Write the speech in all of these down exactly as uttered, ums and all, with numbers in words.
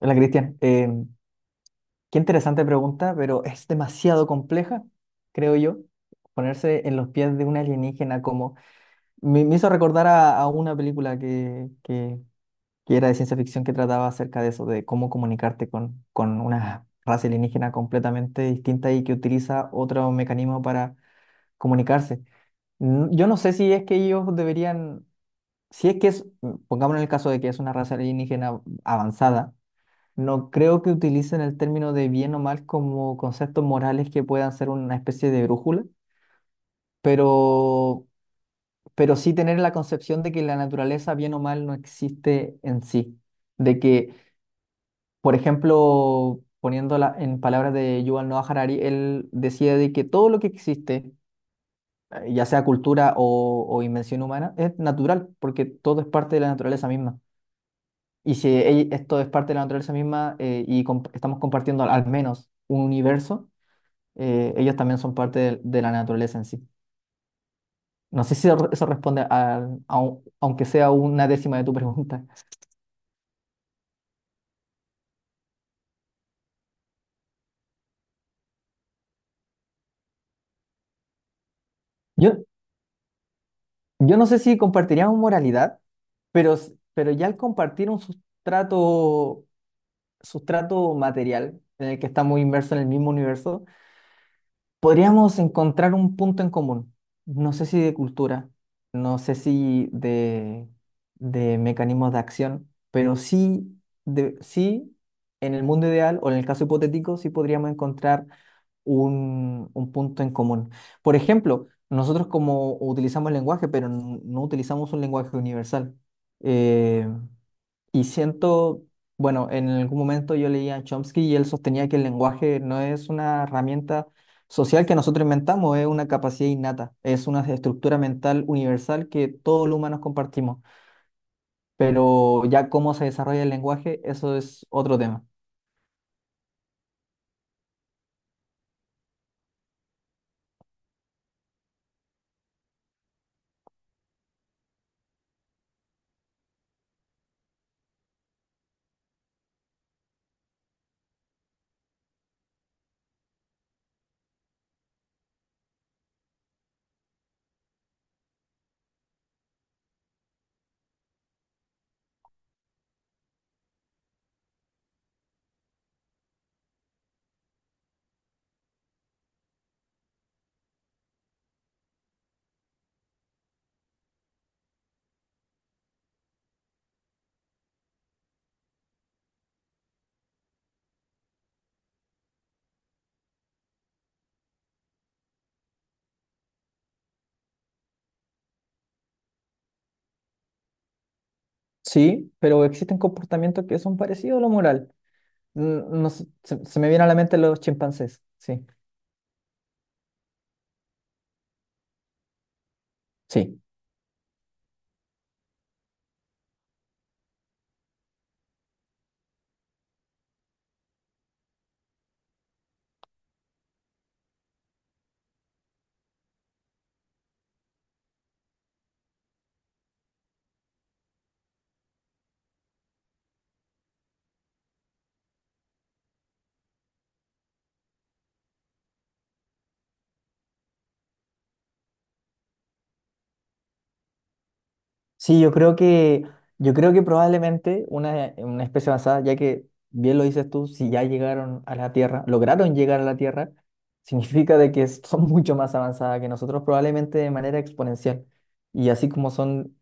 Hola, Cristian. Eh, qué interesante pregunta, pero es demasiado compleja, creo yo, ponerse en los pies de un alienígena como... Me, me hizo recordar a, a una película que, que, que era de ciencia ficción, que trataba acerca de eso, de cómo comunicarte con, con una raza alienígena completamente distinta y que utiliza otro mecanismo para comunicarse. N- Yo no sé si es que ellos deberían, si es que es, pongamos en el caso de que es una raza alienígena avanzada. No creo que utilicen el término de bien o mal como conceptos morales que puedan ser una especie de brújula, pero, pero sí tener la concepción de que la naturaleza, bien o mal, no existe en sí. De que, por ejemplo, poniéndola en palabras de Yuval Noah Harari, él decía de que todo lo que existe, eh, ya sea cultura o, o invención humana, es natural, porque todo es parte de la naturaleza misma. Y si e- esto es parte de la naturaleza misma, eh, y comp- estamos compartiendo al al menos un universo, eh, ellos también son parte de, de la naturaleza en sí. No sé si eso eso responde a, a un- aunque sea una décima de tu pregunta. Yo, yo no sé si compartiríamos moralidad, pero, s- pero ya al compartir un sustrato, sustrato material en el que estamos inmersos en el mismo universo, podríamos encontrar un punto en común. No sé si de cultura, no sé si de, de mecanismos de acción, pero sí, de, sí, en el mundo ideal o en el caso hipotético, sí podríamos encontrar un, un punto en común. Por ejemplo, nosotros como utilizamos el lenguaje, pero n- no utilizamos un lenguaje universal. eh, y siento, bueno, en algún momento yo leía a Chomsky y él sostenía que el lenguaje no es una herramienta social que nosotros inventamos, es una capacidad innata, es una estructura mental universal que todos los humanos compartimos. Pero ya cómo se desarrolla el lenguaje, eso es otro tema. Sí, pero existen comportamientos que son parecidos a lo moral. Mm, no sé, se, se me viene a la mente los chimpancés, sí. Sí. Sí, yo creo que, yo creo que probablemente una, una especie avanzada, ya que bien lo dices tú, si ya llegaron a la Tierra, lograron llegar a la Tierra, significa de que son mucho más avanzadas que nosotros, probablemente de manera exponencial. Y así como son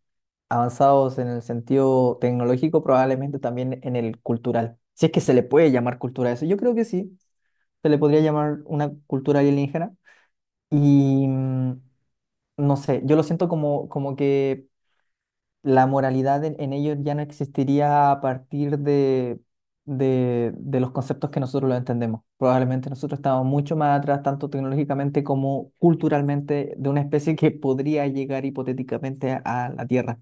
avanzados en el sentido tecnológico, probablemente también en el cultural. Si es que se le puede llamar cultura a eso, yo creo que sí, se le podría llamar una cultura alienígena. Y mm, no sé, yo lo siento como, como que la moralidad en, en ellos ya no existiría a partir de, de, de los conceptos que nosotros lo entendemos. Probablemente nosotros estamos mucho más atrás, tanto tecnológicamente como culturalmente, de una especie que podría llegar hipotéticamente a la Tierra.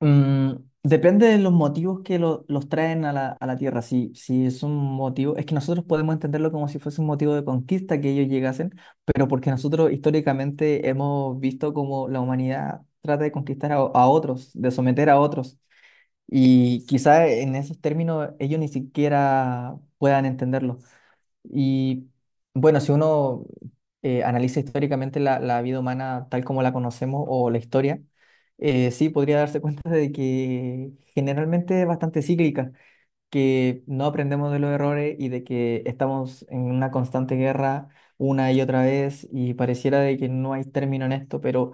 Mm, depende de los motivos que lo- los traen a la, a la Tierra. Si, si es un motivo, es que nosotros podemos entenderlo como si fuese un motivo de conquista que ellos llegasen, pero porque nosotros históricamente hemos visto cómo la humanidad trata de conquistar a, a otros, de someter a otros. Y quizá en esos términos ellos ni siquiera puedan entenderlo. Y bueno, si uno eh, analiza históricamente la, la vida humana tal como la conocemos o la historia, eh, sí podría darse cuenta de que generalmente es bastante cíclica, que no aprendemos de los errores y de que estamos en una constante guerra una y otra vez y pareciera de que no hay término en esto, pero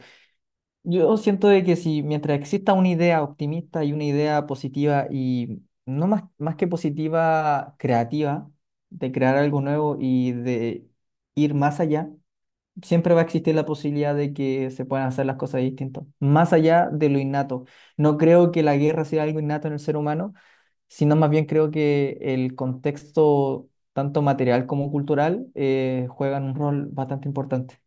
yo siento de que si mientras exista una idea optimista y una idea positiva y no más, más que positiva, creativa, de crear algo nuevo y de ir más allá, siempre va a existir la posibilidad de que se puedan hacer las cosas distintas, más allá de lo innato. No creo que la guerra sea algo innato en el ser humano, sino más bien creo que el contexto, tanto material como cultural, eh, juegan un rol bastante importante.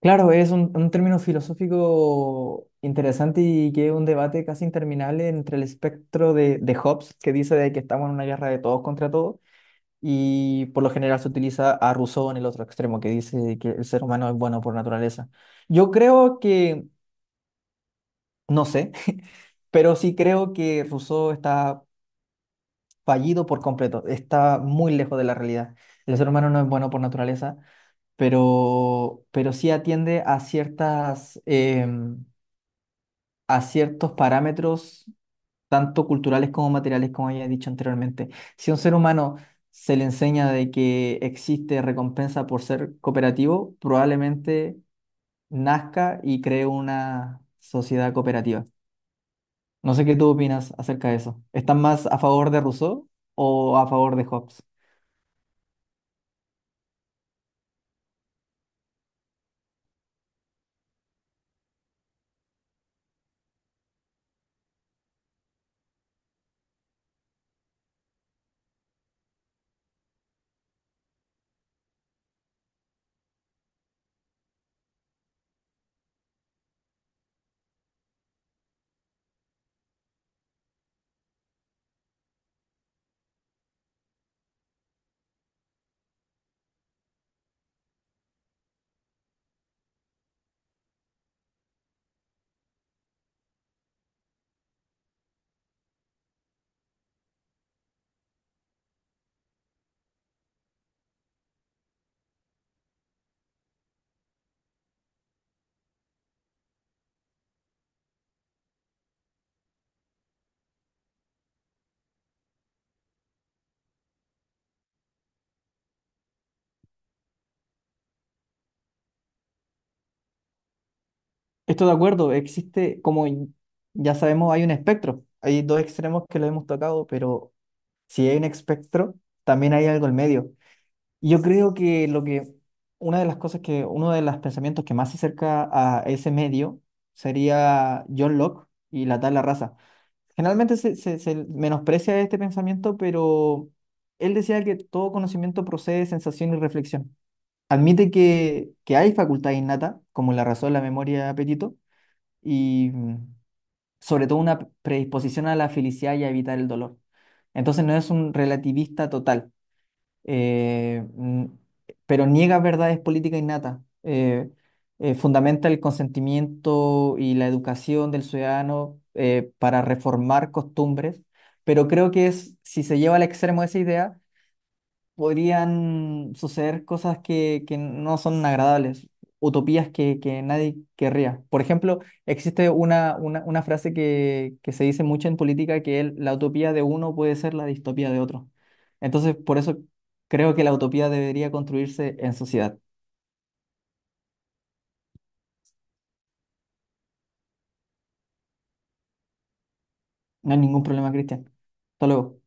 Claro, es un, un término filosófico interesante y que es un debate casi interminable entre el espectro de, de Hobbes, que dice de que estamos en una guerra de todos contra todos, y por lo general se utiliza a Rousseau en el otro extremo, que dice que el ser humano es bueno por naturaleza. Yo creo que, no sé, pero sí creo que Rousseau está fallido por completo, está muy lejos de la realidad. El ser humano no es bueno por naturaleza, pero, pero sí atiende a ciertas... em, a ciertos parámetros, tanto culturales como materiales, como ya he dicho anteriormente. Si a un ser humano se le enseña de que existe recompensa por ser cooperativo, probablemente nazca y cree una sociedad cooperativa. No sé qué tú opinas acerca de eso. ¿Estás más a favor de Rousseau o a favor de Hobbes? Estoy de acuerdo, existe, como ya sabemos, hay un espectro. Hay dos extremos que lo hemos tocado, pero si hay un espectro, también hay algo en medio. Yo creo que lo que una de las cosas que uno de los pensamientos que más se acerca a ese medio sería John Locke y la tabla raza. Generalmente se, se, se menosprecia este pensamiento, pero él decía que todo conocimiento procede de sensación y reflexión. Admite que, que hay facultad innata, como la razón, la memoria y el apetito, y mm, sobre todo una predisposición a la felicidad y a evitar el dolor. Entonces no es un relativista total, eh, mm, pero niega verdades políticas innatas. Eh, eh, fundamenta el consentimiento y la educación del ciudadano eh, para reformar costumbres, pero creo que es, si se lleva al extremo esa idea, podrían suceder cosas que, que no son agradables, utopías que, que nadie querría. Por ejemplo, existe una, una, una frase que, que se dice mucho en política, que el- la utopía de uno puede ser la distopía de otro. Entonces, por eso creo que la utopía debería construirse en sociedad. No hay ningún problema, Cristian. Hasta luego.